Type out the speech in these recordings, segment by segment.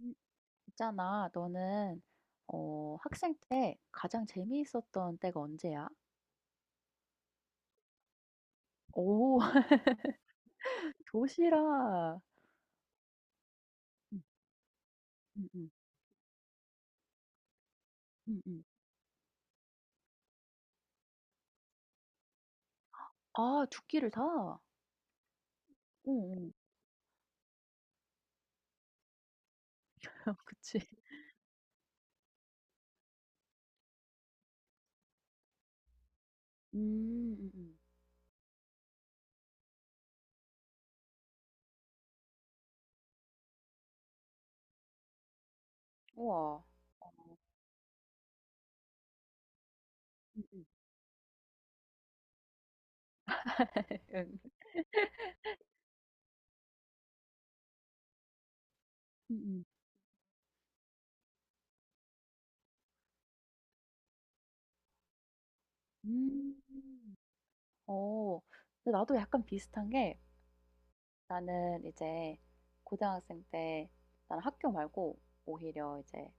음, 있잖아, 너는 어, 학생 때 가장 재미있었던 때가 언제야? 오, 도시락. 응, 응, 응, 응. 응. 아, 두 끼를 다? 응, 응. 그치. 음, 음, 음. 우와. 응, 응, 응. 음, 음. 어, 근데 나도 약간 비슷한 게 나는 이제 고등학생 때 나는 학교 말고 오히려 이제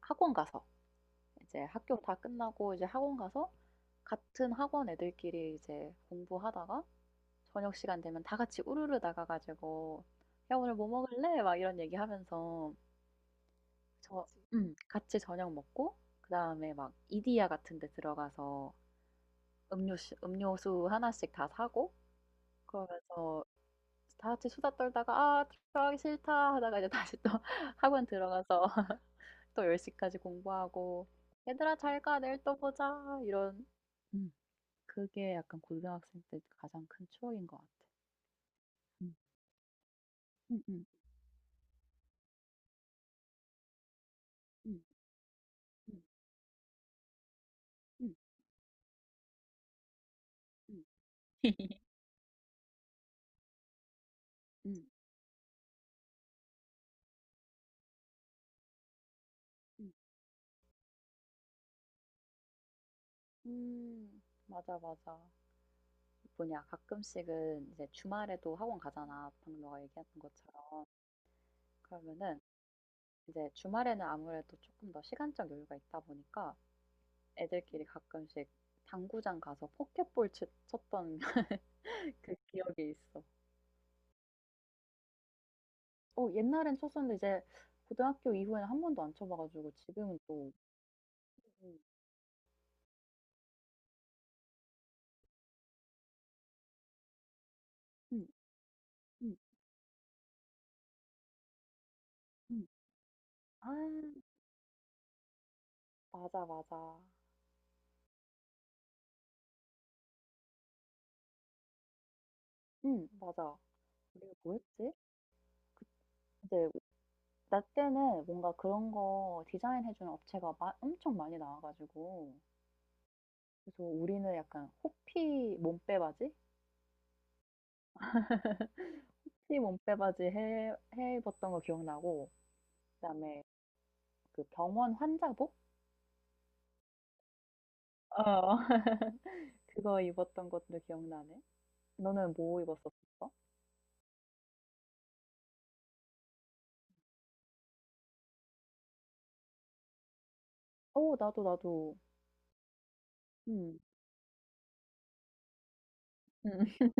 학원 가서 이제 학교 다 끝나고 이제 학원 가서 같은 학원 애들끼리 이제 공부하다가 저녁 시간 되면 다 같이 우르르 나가 가지고 "야 오늘 뭐 먹을래?" 막 이런 얘기하면서 저 그치. 같이 저녁 먹고 그다음에 막 이디야 같은 데 들어가서 음료 음료수 하나씩 다 사고 그러면서 다 같이 수다 떨다가 '아 들어가기 싫다.' 하다가 이제 다시 또 학원 들어가서 또 10시 시까지 공부하고 "얘들아 잘 가. 내일 또 보자." 이런. 음. 그게 약간 고등학생 때 가장 큰 추억인 것 같아. 음. 음음. 음. 음. 음. 음. 음. 음. 음. 맞아, 맞아. 뭐냐, 가끔씩은 이제 주말에도 학원 가잖아. 방금 너가 얘기했던 것처럼. 그러면은 이제 주말에는 아무래도 조금 더 시간적 여유가 있다 보니까 애들끼리 가끔씩 당구장 가서 포켓볼 쳤던 그 기억이 있어. 어, 옛날엔 쳤었는데 이제 고등학교 이후에는 한 번도 안 쳐봐가지고 지금은 또. 음, 음, 음. 음. 아 맞아, 맞아. 응 맞아. 우리가 뭐 했지? 이제 나 때는 뭔가 그런 거 디자인해주는 업체가 마, 엄청 많이 나와가지고 그래서 우리는 약간 호피 몸빼바지? 호피 몸빼바지 해 입었던 거 기억나고 그다음에 그 병원 환자복? 어 그거 입었던 것도 기억나네. 너는 뭐 입었었어? 어 나도 나도. 응 응.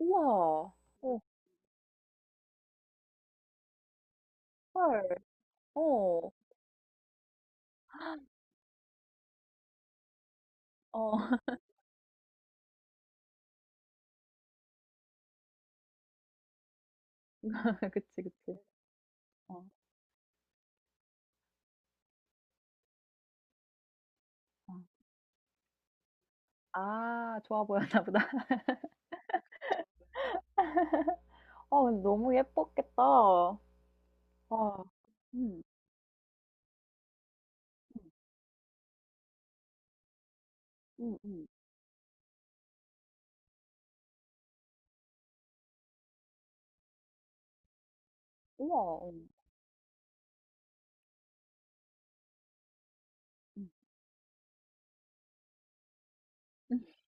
우와. 어. 헐. 어, 어, 그치, 그치. 어. 어. 아 좋아 보였나 보다. 어 근데 너무 예뻤겠다. 와. 음. 음. 음음. 우와. 어. 음.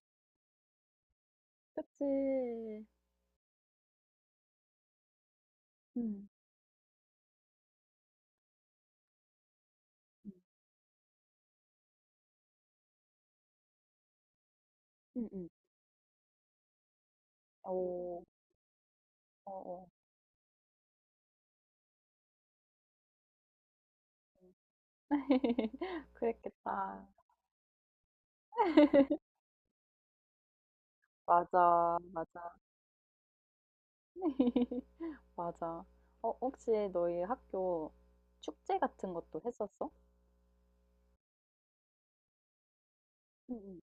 그치. 음. 음. 음음. 어. 어어. 그랬겠다. 맞아. 맞아. 맞아. 어 혹시 너희 학교 축제 같은 것도 했었어? 응,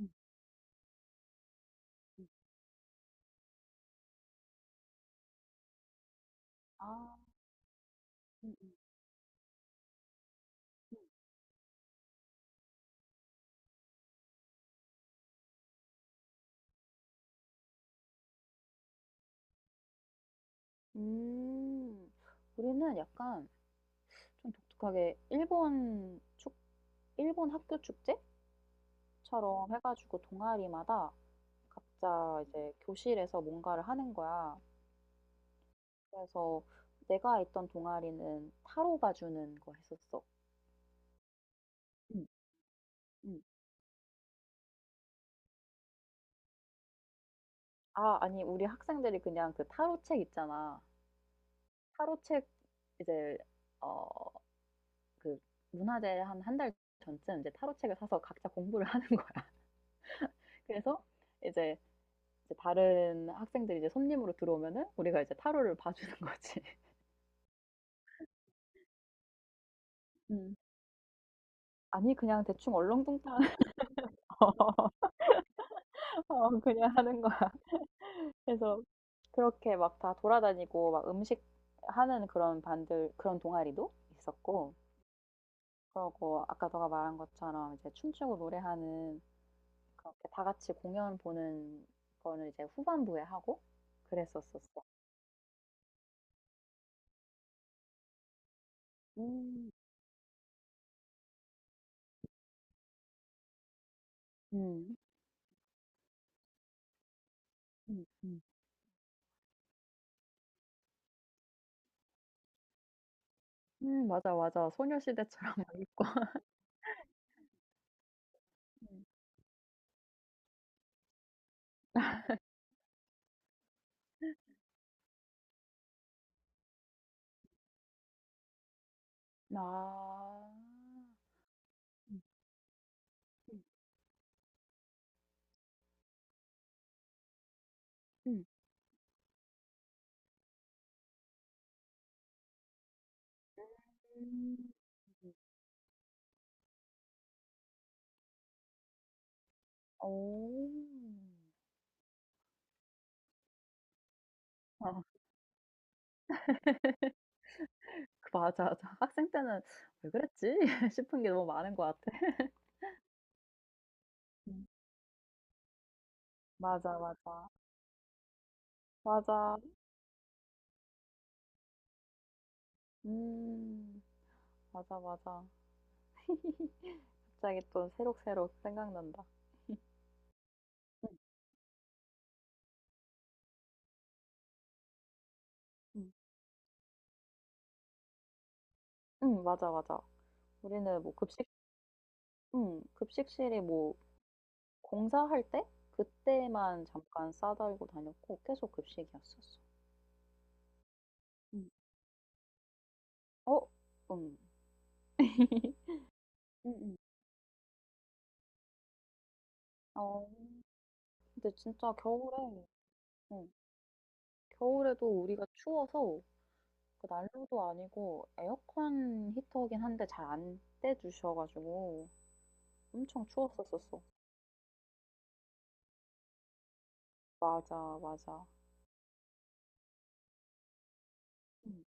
응. 응. 아. 응, 응, 음. 음. 우리는 약간 좀 독특하게 일본 학교 축제처럼 해 가지고 동아리마다 각자 이제 교실에서 뭔가를 하는 거야. 그래서 내가 있던 동아리는 타로 봐 주는 거 했었어. 응. 응. 아 아니 우리 학생들이 그냥 그 타로 책 있잖아. 타로 책 이제 어 그 문화재 한 한 달 전쯤 이제 타로 책을 사서 각자 공부를 하는 거야. 그래서 이제 이제 다른 학생들이 이제 손님으로 들어오면은 우리가 이제 타로를 봐 주는 거지. 음. 아니 그냥 대충 얼렁뚱땅. 어 그냥 하는 거야. 그래서 그렇게 막 다 돌아다니고 막 음식 하는 그런 반들 그런 동아리도 있었고 그러고 아까 너가 말한 것처럼 이제 춤추고 노래하는 그렇게 다 같이 공연 보는 거는 이제 후반부에 하고 그랬었었어. 음. 음. 음. 음. 맞아, 맞아. 소녀시대처럼 막 입고. 아. 음. 음. 음. 음. 어. 아. 그 맞아, 맞아. 학생 때는 '왜 그랬지?' 싶은 게 너무 많은 것 같아. 음. 맞아, 맞아. 맞아. 음. 맞아, 맞아. 갑자기 또 새록새록 생각난다. 음. 음. 맞아, 맞아. 우리는 뭐 급식. 급식실이 뭐 공사할 때 그때만 잠깐 싸 들고 다녔고 계속 급식이었었어. 음. 어 음. 음음. 어. 근데 진짜 겨울에 음 겨울에도 우리가 추워서 그 난로도 아니고 에어컨 히터긴 한데 잘 안 떼 주셔 가지고 엄청 추웠었었어. 맞아, 맞아. 음.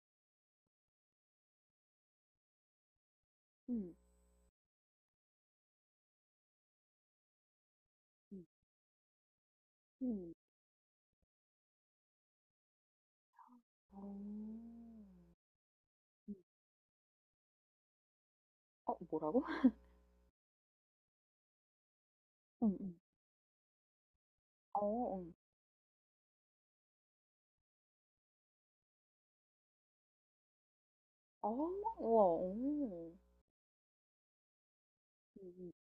음. 음. 음. 어. 음. 어 뭐라고? 음음. 어 어. 우와. 어. 음음.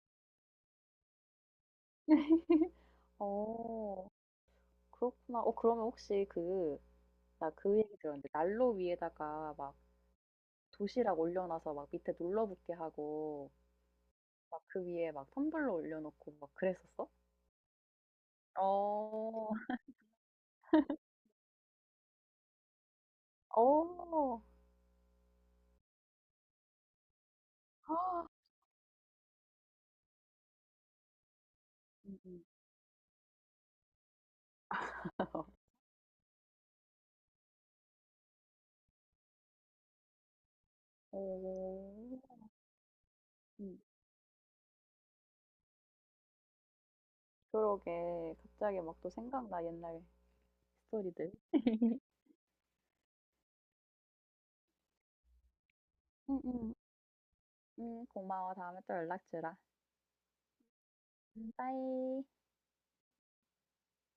어. 그렇구나. 어 그러면 혹시 그 나 그 얘기 들었는데 난로 위에다가 막 도시락 올려놔서 막 밑에 눌러붙게 하고 막 그 위에 막 텀블러 올려놓고 막 그랬었어? 어. 어. 음음. 오. 음. 그러게. 갑자기 막 또 생각나 옛날 스토리들. 응 응. 응 고마워. 다음에 또 연락 주라. 빠이.